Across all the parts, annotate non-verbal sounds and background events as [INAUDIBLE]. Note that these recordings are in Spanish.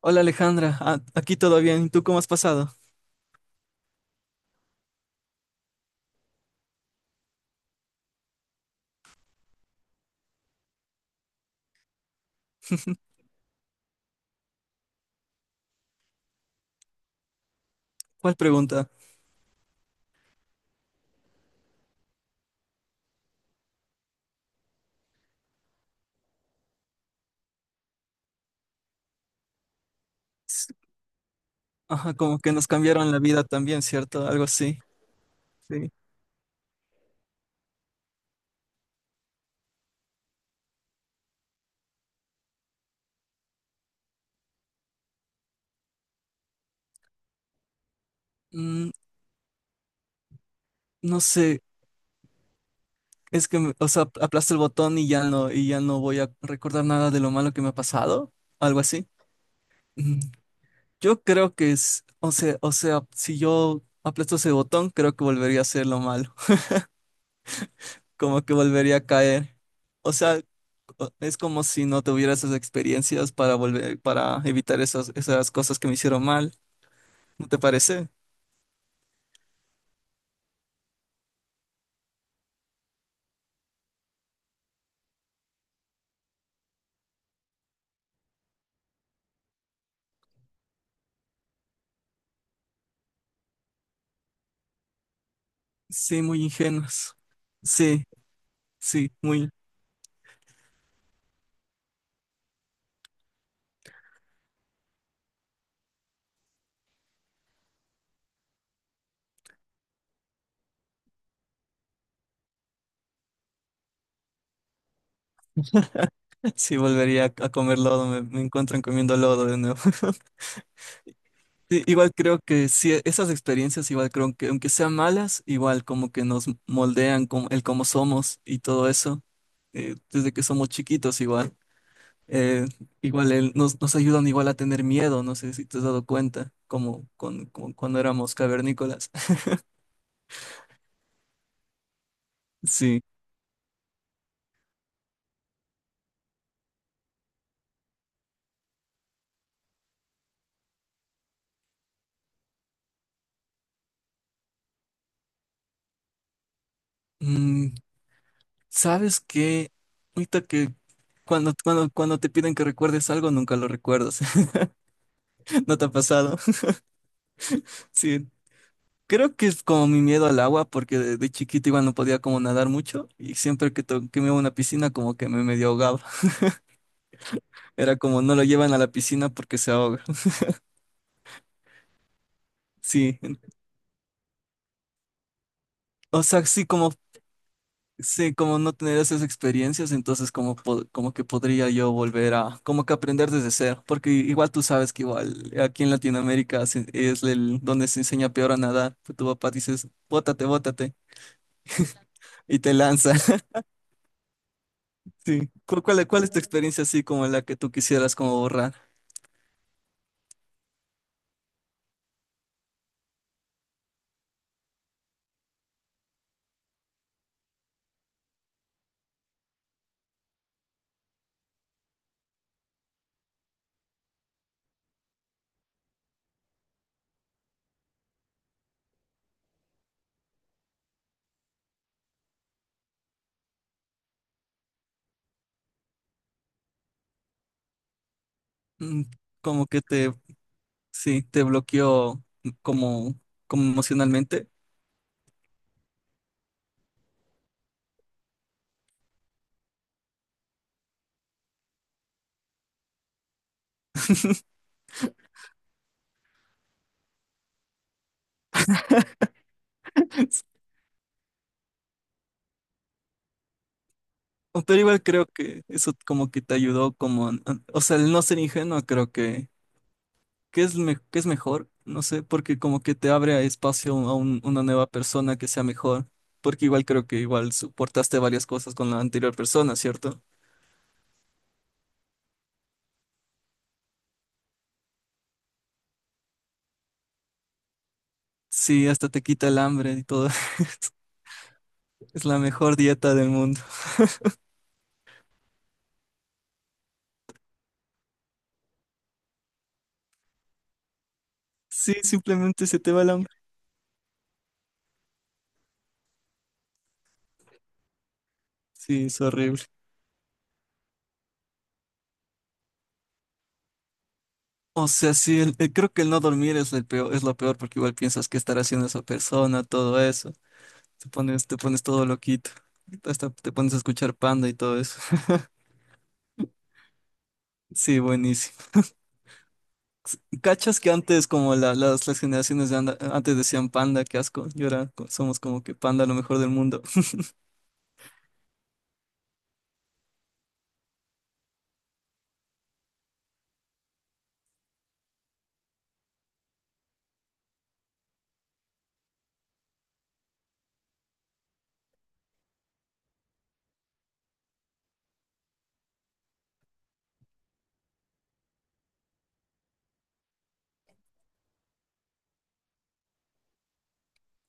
Hola Alejandra, Ah, aquí todo bien. ¿Y tú cómo has pasado? ¿Cuál pregunta? S- Ajá, como que nos cambiaron la vida también, ¿cierto? Algo así. Sí. Mm, no sé, es que, o sea, aplasto el botón y ya no voy a recordar nada de lo malo que me ha pasado. Algo así. Mm, yo creo que es, o sea, si yo aplasto ese botón, creo que volvería a hacer lo malo. [LAUGHS] Como que volvería a caer. O sea, es como si no tuviera esas experiencias para volver, para evitar esas cosas que me hicieron mal. ¿No te parece? Sí, muy ingenuos. Sí, sí, muy. [LAUGHS] Sí, volvería a comer lodo, me encuentran comiendo lodo de nuevo. [LAUGHS] Sí, igual creo que sí, esas experiencias, igual creo que aunque sean malas, igual como que nos moldean como, el cómo somos y todo eso, desde que somos chiquitos igual. Eh, Igual nos ayudan igual a tener miedo, no sé si te has dado cuenta, como, con cuando éramos cavernícolas. [LAUGHS] Sí. mm, ¿Sabes qué? Ahorita que cuando te piden que recuerdes algo, nunca lo recuerdas. [LAUGHS] ¿No te ha pasado? [LAUGHS] Sí. Creo que es como mi miedo al agua, porque de chiquito igual no podía como nadar mucho y siempre que me iba a una piscina como que me medio ahogaba. [LAUGHS] Era como no lo llevan a la piscina porque se ahoga. [LAUGHS] Sí. O sea, sí, como. Sí, como no tener esas experiencias, entonces como, como que podría yo volver a, como que aprender desde cero, porque igual tú sabes que igual aquí en Latinoamérica es el, donde se enseña peor a nadar, pues tu papá dices, bótate, bótate, y te lanza. [LAUGHS] Sí. ¿Cuál es tu experiencia así como la que tú quisieras como borrar? Mm. Como que te, sí, te bloqueó como, como emocionalmente. [LAUGHS] Pero igual creo que eso como que te ayudó como, o sea, el no ser ingenuo creo que ¿Qué es mejor? No sé, porque como que te abre a espacio a una nueva persona que sea mejor, porque igual creo que igual soportaste varias cosas con la anterior persona, ¿cierto? Sí, hasta te quita el hambre y todo. [LAUGHS] Es la mejor dieta del mundo. Sí, simplemente se te va el hambre. Sí, es horrible. O sea, sí, creo que el no dormir es el peor, es lo peor porque igual piensas qué estará haciendo esa persona, todo eso. Te pones todo loquito. Hasta te pones a escuchar Panda y todo eso. [LAUGHS] Sí, buenísimo. ¿Cachas que antes, como las generaciones de antes decían panda, qué asco, y ahora somos como que panda lo mejor del mundo? [LAUGHS]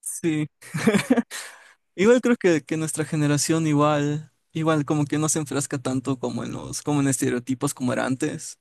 Sí, igual creo que nuestra generación igual como que no se enfrasca tanto como en los, como en estereotipos como era antes.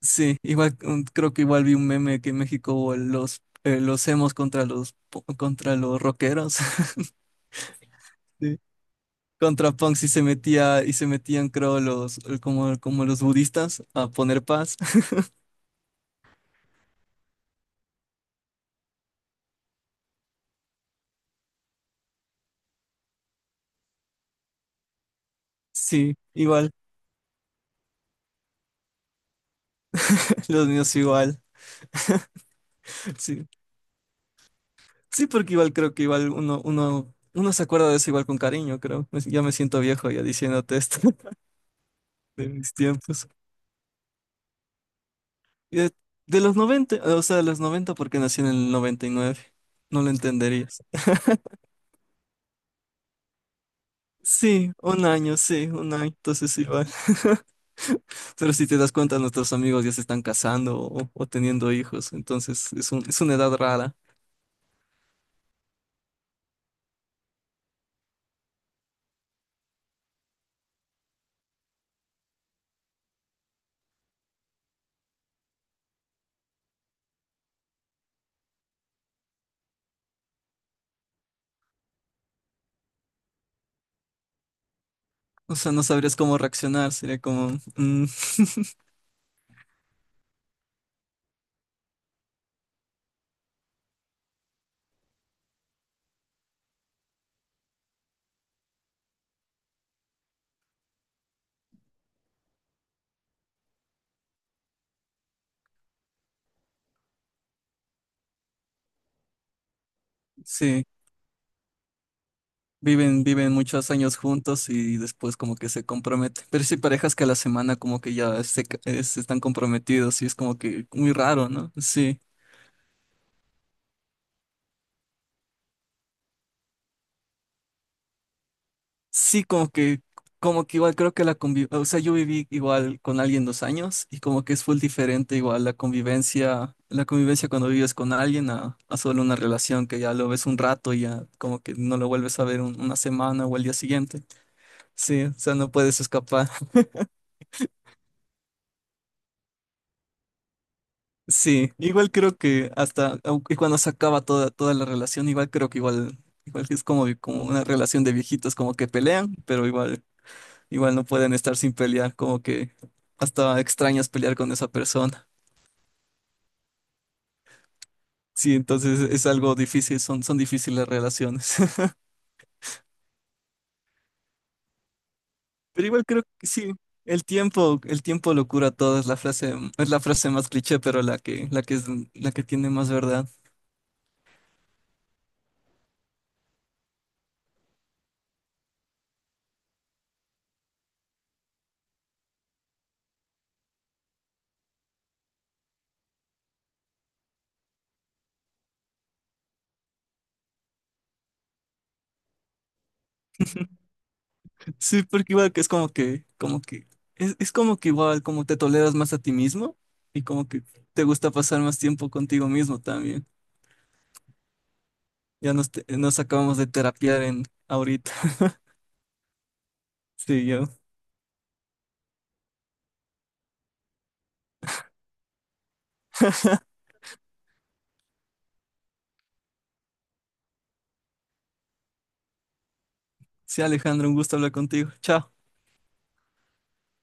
Sí, igual creo que igual vi un meme que en México hubo los emos contra los, contra los rockeros. [LAUGHS] Sí. Contra punks y se metían, creo, los, como los budistas a poner paz. [LAUGHS] Sí, igual, los niños igual. Sí, sí, porque igual creo que igual uno se acuerda de eso igual con cariño, creo. Ya me siento viejo ya diciéndote esto. [LAUGHS] De mis tiempos. Y de los 90, o sea, de los 90 porque nací en el noventa y nueve. No lo entenderías. Sí, un año, entonces igual. [LAUGHS] Pero si te das cuenta, nuestros amigos ya se están casando o teniendo hijos, entonces es un, es una edad rara. O sea, no sabrías cómo reaccionar, sería como, mm, sí. Viven, viven muchos años juntos y después como que se comprometen. Pero sí hay parejas que a la semana como que ya se están comprometidos y es como que muy raro, ¿no? Sí. Sí, como que igual creo que la convivencia, o sea, yo viví igual con alguien 2 años y como que es full diferente igual la convivencia cuando vives con alguien a solo una relación que ya lo ves un rato y ya como que no lo vuelves a ver una semana o el día siguiente. Sí, o sea, no puedes escapar. Sí, igual creo que hasta aunque cuando se acaba toda la relación, igual creo que igual, igual que es como, como una relación de viejitos, como que pelean, pero igual, igual no pueden estar sin pelear, como que hasta extrañas pelear con esa persona. Sí, entonces es algo difícil, son difíciles las relaciones. [LAUGHS] Pero igual creo que sí, el tiempo lo cura todo, es la frase más cliché, pero la que tiene más verdad. [LAUGHS] Sí, porque igual que es como que, es como que igual como te toleras más a ti mismo y como que te gusta pasar más tiempo contigo mismo también. Ya nos acabamos de terapiar en ahorita. [LAUGHS] Sí, yo. [LAUGHS] Sí, Alejandro, un gusto hablar contigo. Chao.